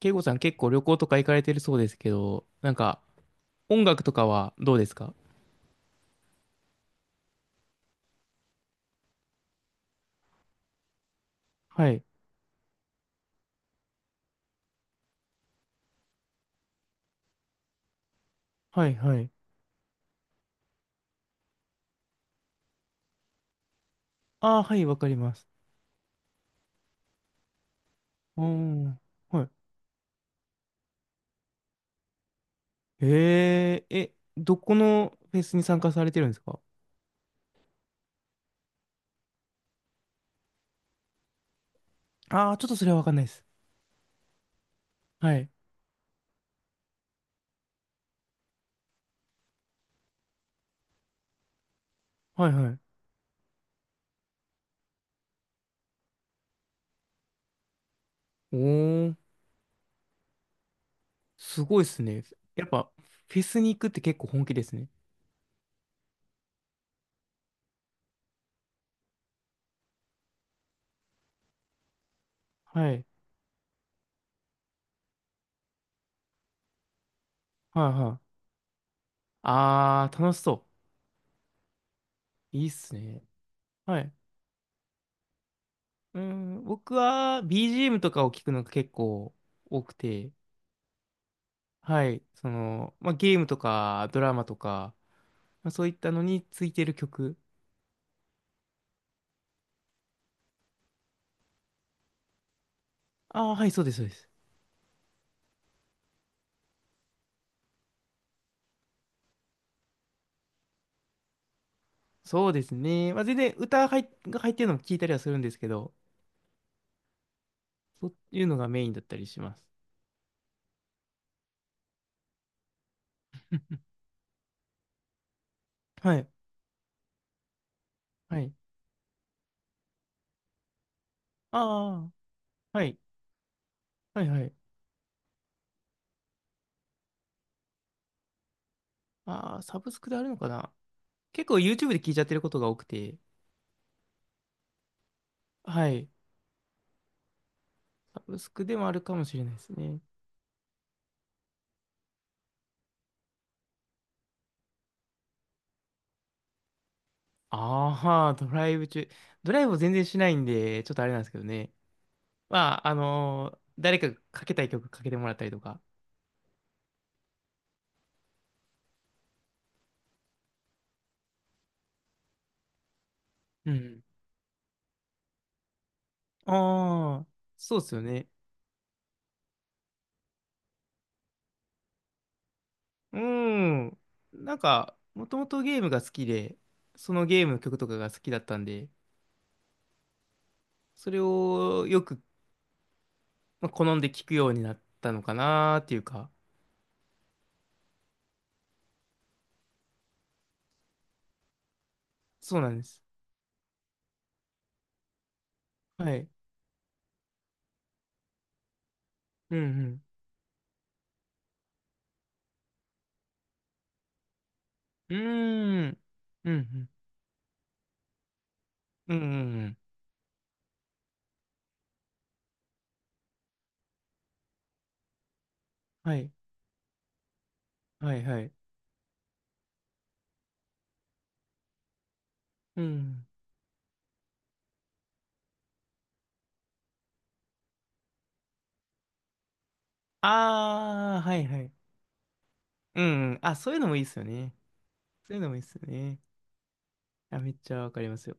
慶吾さん結構旅行とか行かれてるそうですけど、なんか音楽とかはどうですか？はい。はい、はい。ああ、はい、わかります。うん。はい。へえー、え、どこのフェスに参加されてるんですか？ああー、ちょっとそれはわかんないです。はい。はい、はい。おー、すごいですね。やっぱ、フェスに行くって結構本気ですね。はい。はい、はい。ああ、楽しそう。いいっすね。はい。うん、僕は BGM とかを聞くのが結構多くて、はい、その、まあ、ゲームとかドラマとか、まあ、そういったのについてる曲。ああ、はい、そうです、そうです。そうですね。まあ、全然歌入っが入ってるのも聞いたりはするんですけど、そういうのがメインだったりします。はい、はい。ああ、はい、はい、はい。ああ、サブスクであるのかな。結構 YouTube で聞いちゃってることが多くて、はい、サブスクでもあるかもしれないですね。ああ、ドライブ中。ドライブを全然しないんで、ちょっとあれなんですけどね。まあ、誰かがかけたい曲かけてもらったりとか。うん。ああ、そうっすよね。うん。なんか、もともとゲームが好きで、そのゲームの曲とかが好きだったんで、それをよく、まあ、好んで聴くようになったのかなーっていうか、そうなんです。はい。うんうん。うーん。うんうん。うんうんうん。はい。はいはい。うん。ああ、はいはい。うんうん。あ、そういうのもいいっすよね。そういうのもいいっすよね。や、めっちゃわかりますよ。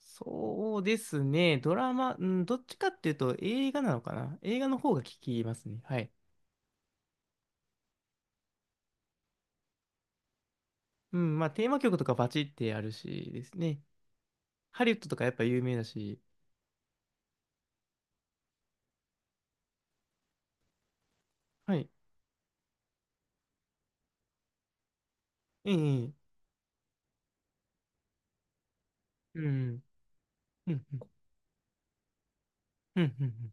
そうですね。ドラマ、うん、どっちかっていうと映画なのかな。映画の方が効きますね。はい。うん、まあテーマ曲とかバチってあるしですね。ハリウッドとかやっぱ有名だし。はい。ええ、うん、うん、うん、うん、うん。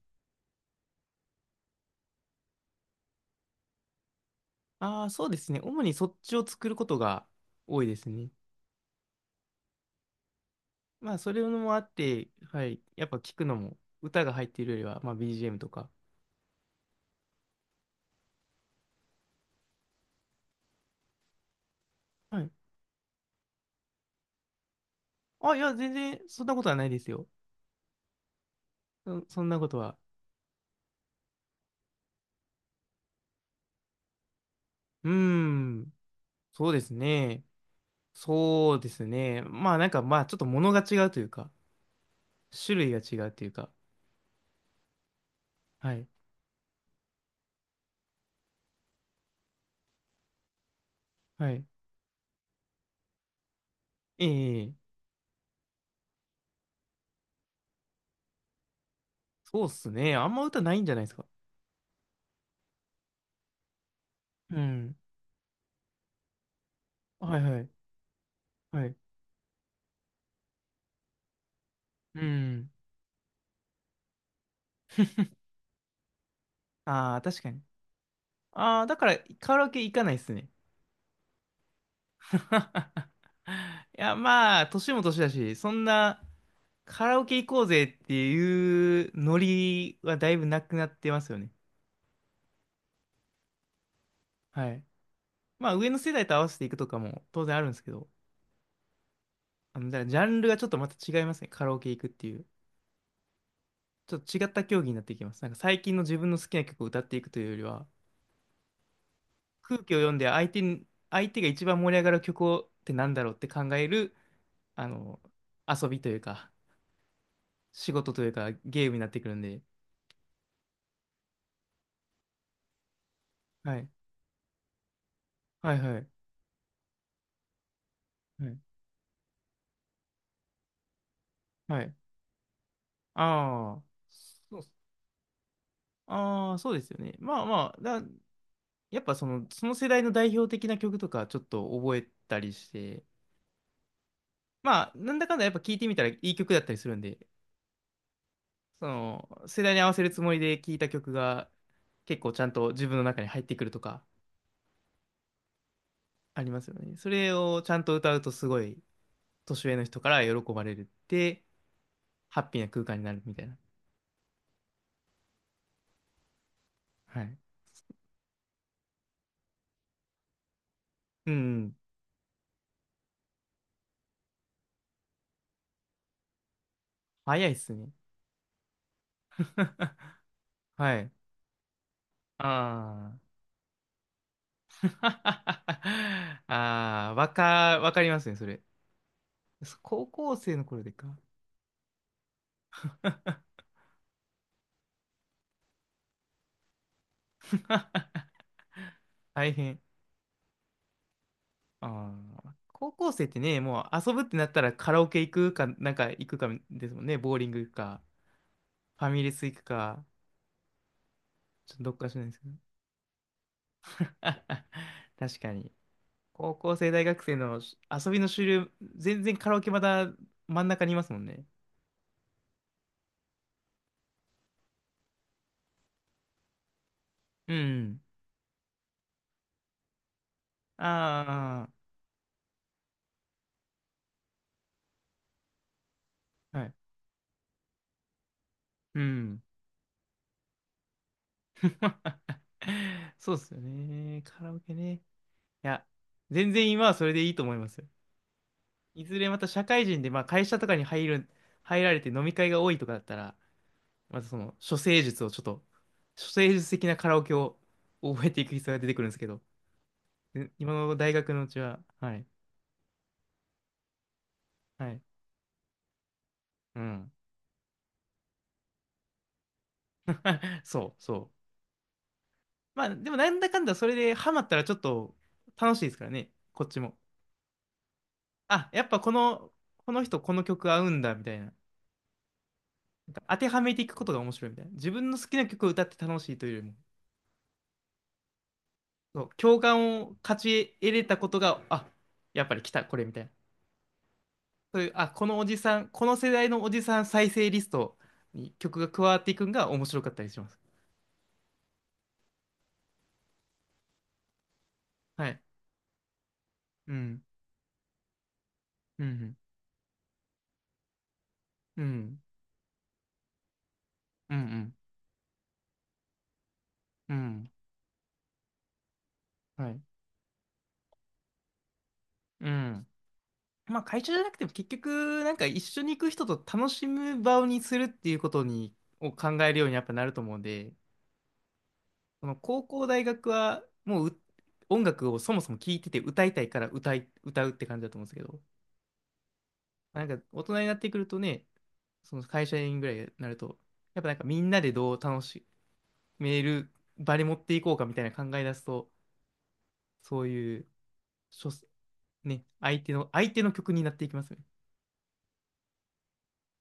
ああー、そうですね。主にそっちを作ることが多いですね。まあそれもあって、はい。やっぱ聞くのも、歌が入っているよりは、まあ BGM とか。はい。あ、いや、全然そんなことはないですよ。そんなことは。うーん。そうですね。そうですね。まあなんかまあちょっと物が違うというか、種類が違うというか。はい。はい。ええ、そうっすね。あんま歌ないんじゃないですか。うん。はいはい。はい。うん。ああ、確かに。ああ、だからカラオケ行かないっすね。いや、まあ、年も年だし、そんなカラオケ行こうぜっていうノリはだいぶなくなってますよね。はい。まあ、上の世代と合わせていくとかも当然あるんですけど。あの、ジャンルがちょっとまた違いますね。カラオケ行くっていう。ちょっと違った競技になっていきます。なんか最近の自分の好きな曲を歌っていくというよりは、空気を読んで相手に、相手が一番盛り上がる曲をってなんだろうって考える、あの、遊びというか、仕事というか、ゲームになってくるんで。はい。はいはい。はい。はい。ああ、そうっす、ああ、そうですよね。まあまあ、やっぱその世代の代表的な曲とかちょっと覚えたりして、まあ、なんだかんだやっぱ聴いてみたらいい曲だったりするんで、その、世代に合わせるつもりで聴いた曲が結構ちゃんと自分の中に入ってくるとかありますよね。それをちゃんと歌うとすごい年上の人から喜ばれるって、ハッピーな空間になるみたいな。はい。うん。早いっすね。はい。ああ。ああ、わかりますね、それ。高校生の頃でか。大変。ああ、高校生ってね、もう遊ぶってなったらカラオケ行くか、なんか行くかですもんね。ボーリング行くか、ファミレス行くか、ちょっとどっかしないですけど。確かに。高校生、大学生の遊びの主流、全然カラオケまだ真ん中にいますもんね。うん。ああ、はい。うん。そうっすよね。カラオケね。いや、全然今はそれでいいと思いますよ。いずれまた社会人で、まあ会社とかに入る、入られて飲み会が多いとかだったら、まずその、処世術をちょっと、処世術的なカラオケを覚えていく必要が出てくるんですけど、で今の大学のうちは、はい、はい、うん。そう、そう。まあ、でもなんだかんだそれでハマったらちょっと楽しいですからね、こっちも。あ、やっぱこの、人この曲合うんだ、みたいな。なんか当てはめていくことが面白いみたいな。自分の好きな曲を歌って楽しいというよりも、そう、共感を勝ち得れたことが、あ、やっぱり来た、これみたいな。そういう、あ、このおじさん、この世代のおじさん再生リストに曲が加わっていくんが面白かったりします。はい。うん。うん。うん。うん。うん。うんはい。うん。まあ、会社じゃなくても結局、なんか一緒に行く人と楽しむ場にするっていうことに、を考えるようにやっぱなると思うんで、その高校、大学はもう音楽をそもそも聴いてて歌いたいから歌うって感じだと思うんですけど、なんか大人になってくるとね、その会社員ぐらいになると、やっぱなんかみんなでどう楽しめる場に持っていこうかみたいな考え出すと、そういう、諸ね、相手の曲になっていきますよね。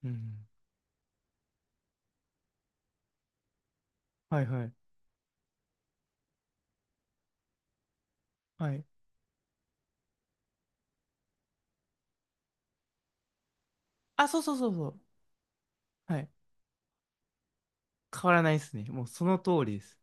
うん。はいはい。はい。あ、そうそうそうそう。はい。変わらないですね。もうその通りです。